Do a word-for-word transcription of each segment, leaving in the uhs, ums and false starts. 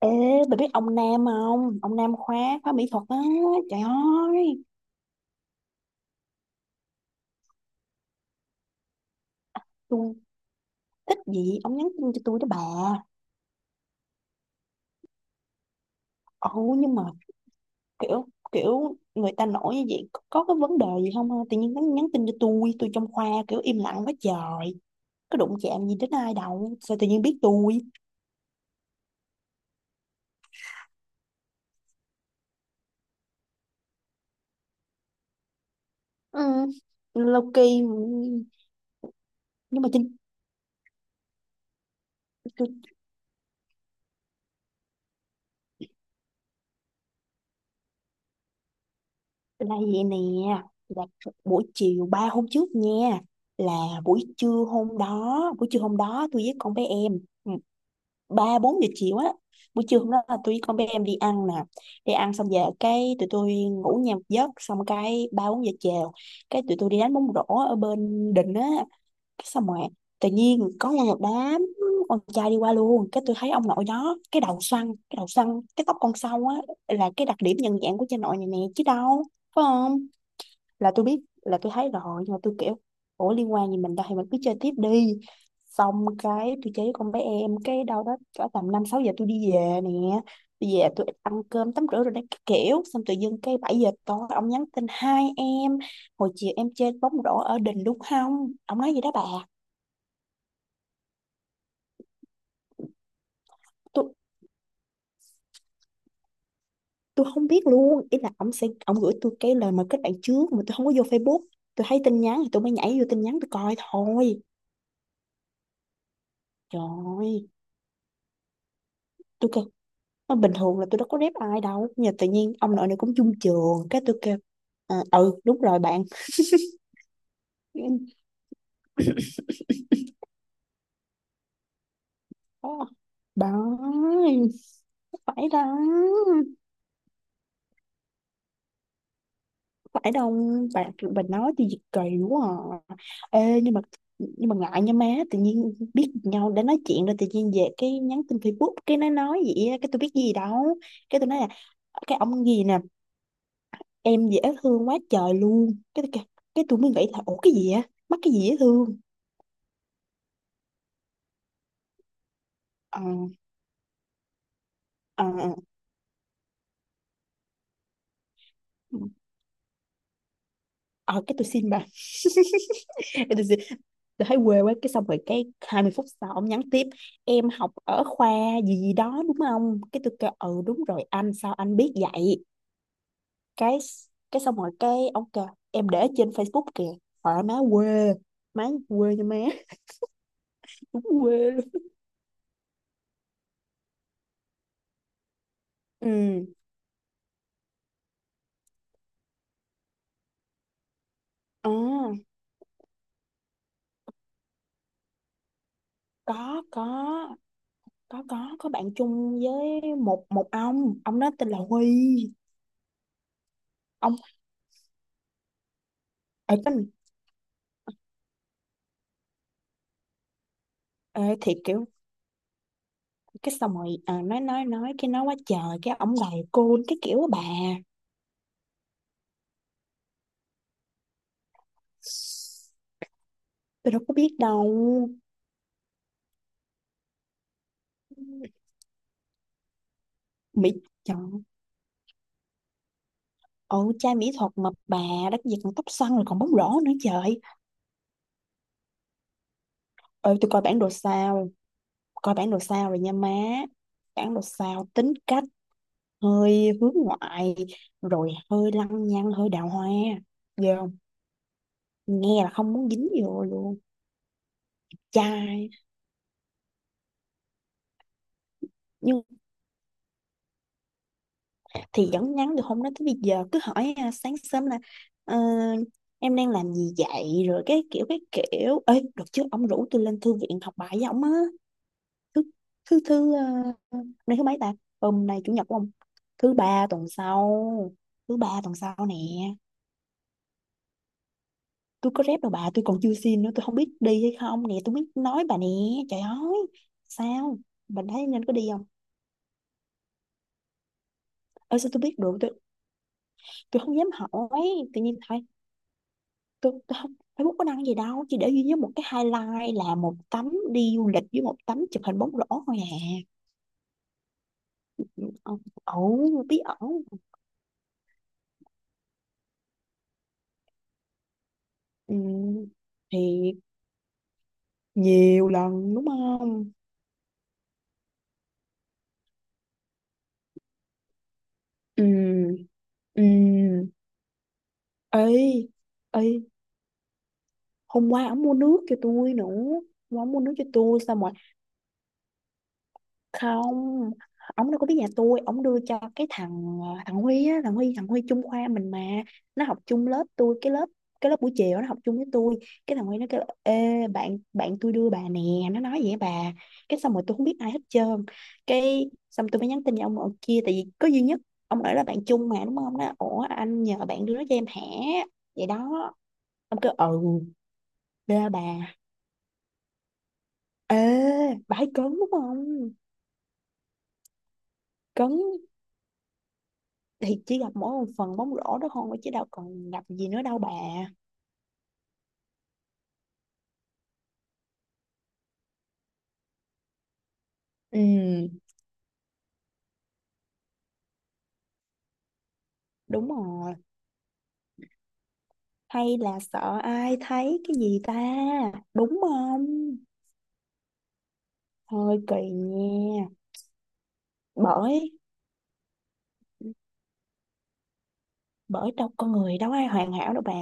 Ê, bà biết ông Nam không? Ông Nam khóa khóa mỹ thuật á. Trời ơi, tôi thích gì ông nhắn tin cho tôi đó bà. Ồ, nhưng mà kiểu kiểu người ta nổi như vậy có, có cái vấn đề gì không? Ha? Tự nhiên nhắn, nhắn tin cho tôi, tôi trong khoa kiểu im lặng quá trời. Có đụng chạm gì đến ai đâu, sao tự nhiên biết tôi? Ừ, lâu kỳ nhưng mà trên tôi là vậy nè, là buổi chiều ba hôm trước nha. Là buổi trưa hôm đó buổi trưa hôm đó tôi với con bé em, ừ, ba bốn giờ chiều á. Buổi trưa hôm đó là tôi với con bé em đi ăn nè, đi ăn xong về cái tụi tôi ngủ nhà một giấc, xong cái ba bốn giờ chiều cái tụi tôi đi đánh bóng rổ ở bên đình á. Cái xong rồi tự nhiên có một đám con trai đi qua luôn, cái tôi thấy ông nội đó, cái đầu xoăn cái đầu xoăn cái tóc con sâu á, là cái đặc điểm nhận dạng của cha nội này nè chứ đâu phải không. Là tôi biết, là tôi thấy rồi, nhưng mà tôi kiểu ủa liên quan gì mình đâu thì mình cứ chơi tiếp đi. Xong cái tôi chơi với con bé em cái đâu đó cỡ tầm năm sáu giờ tôi đi về nè, tôi về tôi ăn cơm tắm rửa rồi đấy, cái kiểu xong tự dưng cái bảy giờ tối ông nhắn tin, hai em hồi chiều em chơi bóng rổ ở đình đúng không, ông nói gì đó bà. Tôi tôi không biết luôn, ý là ông sẽ ông gửi tôi cái lời mời kết bạn trước mà tôi không có vô Facebook, tôi thấy tin nhắn thì tôi mới nhảy vô tin nhắn tôi coi thôi. Trời ơi, tôi kêu mà bình thường là tôi đâu có rep ai đâu nhưng mà tự nhiên ông nội này cũng chung trường, cái tôi kêu à, ừ đúng rồi bạn đó. Bà ơi, phải đó phải đâu bà bà nói tôi gì kỳ quá à. Ê, nhưng mà nhưng mà ngại nha má, tự nhiên biết nhau đã nói chuyện rồi tự nhiên về cái nhắn tin Facebook cái nó nói vậy á, cái tôi biết gì đâu. Cái tôi nói là cái ông gì nè em dễ thương quá trời luôn, cái tôi kêu- cái tôi mới nghĩ là ủa cái gì á, mắc cái gì dễ thương. Ờ, ờ, ờ. Ờ cái tôi xin bà cái tôi xin, tôi thấy quê quá. Cái xong rồi cái hai mươi phút sau ông nhắn tiếp, em học ở khoa gì gì đó đúng không, cái tôi kêu ừ đúng rồi anh, sao anh biết vậy. Cái cái xong rồi cái ông kêu em để trên Facebook kìa, hỏi má quê, má quê nha má. Đúng quê luôn. Ừ, à, có có có có có bạn chung với một một ông ông đó tên là Huy. Ông ở cái ê, thiệt kiểu cái xong rồi, à, nói nói nói cái nói quá trời cái ổng gầy côn cái kiểu á bà. Tôi đâu có biết đâu. Mỹ, trời ồ, trai mỹ thuật mà bà, đất gì còn tóc xoăn rồi còn bóng rổ nữa. Trời ơi, tôi coi bản đồ sao, coi bản đồ sao rồi nha má. Bản đồ sao tính cách hơi hướng ngoại, rồi hơi lăng nhăng hơi đào hoa, giờ nghe là không muốn dính vô luôn. Trai nhưng thì vẫn nhắn được, không nói tới bây giờ cứ hỏi à, sáng sớm là "Ờ, em đang làm gì vậy", rồi cái kiểu cái kiểu ơi được chứ ông rủ tôi lên thư viện học bài với ông á. Thứ thứ thứ ờ, nay thứ mấy ta? Hôm nay chủ nhật của ông, thứ ba tuần sau, thứ ba tuần sau nè. Tôi có rep đâu bà, tôi còn chưa xin nữa, tôi không biết đi hay không nè, tôi mới nói bà nè. Trời ơi, sao bà thấy nên có đi không? Ơ sao tôi biết được, tôi tôi không dám hỏi tự nhiên thôi. Tôi, tôi không Facebook có đăng gì đâu, chỉ để duy nhất một cái highlight là một tấm đi du lịch với một tấm chụp hình bóng rổ thôi à. Ông ẩu bí ẩu. Ừ, thì nhiều lần đúng không. Ừ, ừ. Ê, ê, hôm qua ổng mua nước cho tôi nữa, hôm qua ổng mua nước cho tôi xong rồi. Không, ông đâu có biết nhà tôi, ông đưa cho cái thằng ờ, thằng Huy á, thằng Huy thằng Huy chung khoa mình mà, nó học chung lớp tôi cái lớp, cái lớp buổi chiều nó học chung với tôi. Cái thằng Huy nó kêu là, ê bạn, bạn tôi đưa bà nè, nó nói vậy bà. Cái xong rồi tôi không biết ai hết trơn, cái xong tôi mới nhắn tin cho ông ở kia tại vì có duy nhất ông ở là bạn chung mà đúng không, nó ủa anh nhờ bạn đưa nó cho em hả, vậy đó. Ông kêu ừ đưa bà. Ê bà ấy cấn đúng không, cấn thì chỉ gặp mỗi một phần bóng rổ đó thôi chứ đâu còn gặp gì nữa đâu bà. Ừ, đúng rồi, hay là sợ ai thấy cái gì ta, đúng không, hơi kỳ nha. Bởi bởi đâu con người đâu ai hoàn hảo đâu bà.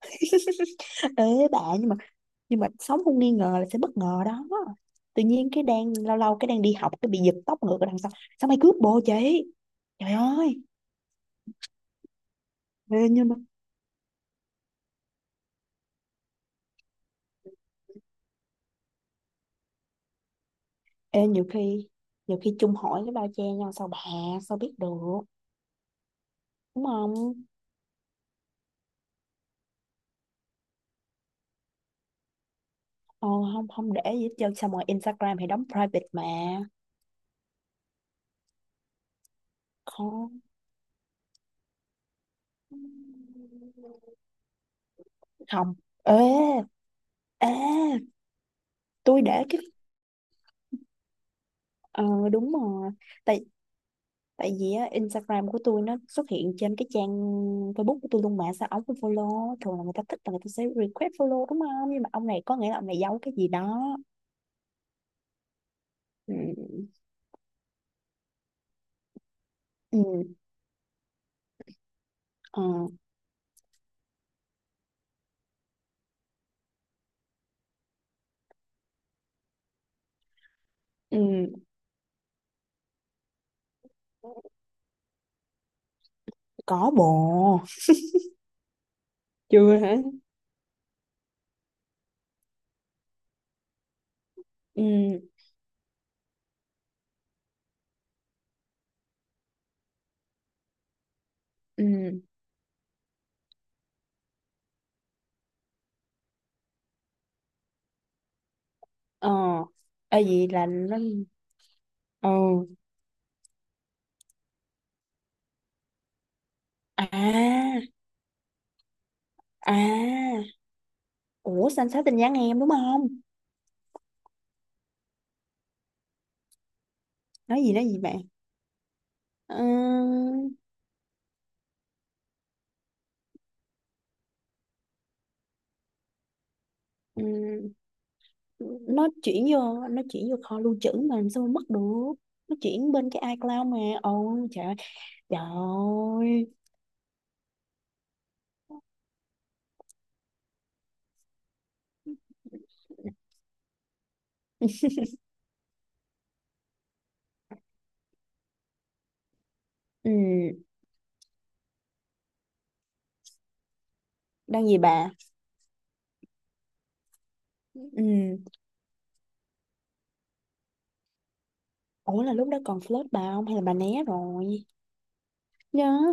Ê bà, nhưng mà nhưng mà sống không nghi ngờ là sẽ bất ngờ đó, tự nhiên cái đang lâu lâu cái đang đi học cái bị giật tóc ngược ở đằng sau, sao mày cướp bồ chị. Trời ơi. Ê, nhưng mà. Ê, nhiều khi nhiều khi chung hỏi cái bao che nhau sao bà, sao biết được, đúng không. Ờ, không không để gì hết trơn sao, mà Instagram thì đóng private mà. Không, không. Ê, ê, tôi để cái ờ đúng rồi, tại tại vì á, Instagram của tôi nó xuất hiện trên cái trang Facebook của tôi luôn mà sao ông cũng follow, thường là người ta thích là người ta sẽ request follow đúng không, nhưng mà ông này có nghĩa là ông này giấu cái gì đó. Ừ, ừ. Ờ, ừ có bộ chưa hả. Ừ, ừ. Ờ, à, vậy là nó. Ờ, à, à, ủa sao anh xóa tin nhắn em đúng không, nói gì nói gì bạn. Ờ, ừ, nó chuyển vô, nó chuyển vô kho lưu trữ mà làm sao mà mất được, nó chuyển bên cái iCloud mà. Ôi trời ơi, trời ơi. Ừ, đang gì bà. Ừ, ủa là lúc đó còn flirt bà không hay là bà né rồi, nhớ.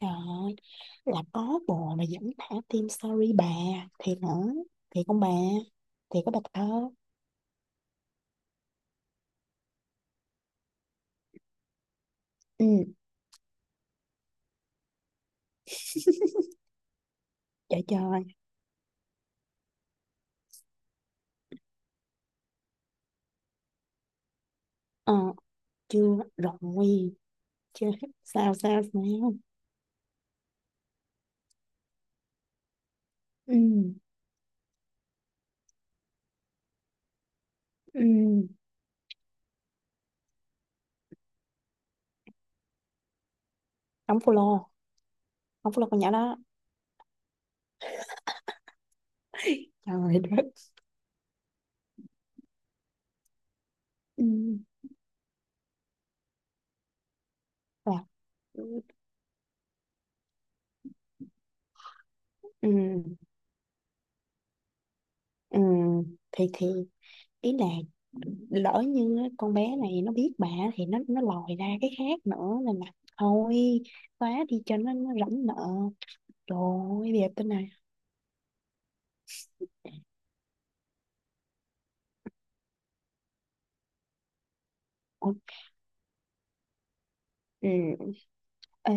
Trời ơi, là có bồ mà vẫn thả tim, sorry bà, thiệt hả? Thiệt không bà? Thiệt có bà thơ? Ừ, trời trời, ờ, chưa, rồi, chưa, sao sao sao? Ừ, ừ, đóng follow, đóng follow con nhỏ đó, trời đất, ừ, là, ừ, ừ, ừ, thì thì ý là lỡ như á, con bé này nó biết bà thì nó nó lòi ra cái khác nữa, nên là thôi xóa đi cho nó, nó rảnh nợ. Trời ơi, đẹp tên này. Ủa, ừ. Ê.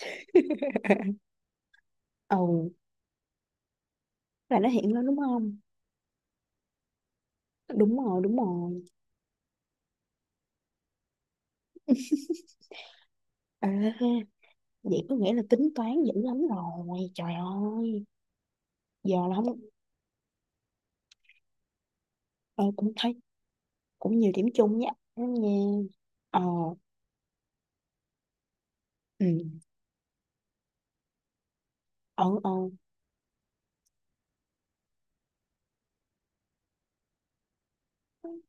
Ồ, là nó hiện lên đúng không? Đúng rồi, đúng rồi. Ê, vậy có nghĩa là tính toán dữ lắm rồi. Trời ơi, giờ là không, ờ, cũng thấy cũng nhiều điểm chung với anh nha. Ờ, ừ, ờ, ờ.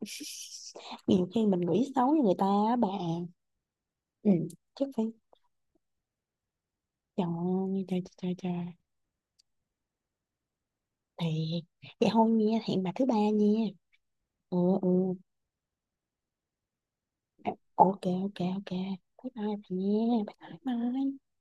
Nhiều khi mình nghĩ xấu với người ta á bà. Ừ, chắc phải. Trời ơi, trời, trời, trời. Thì vậy thôi nha, hẹn bà thứ ba nha. Ừ, ừ. Ok ok ok, bye bye, bạn nha, bye bye bye.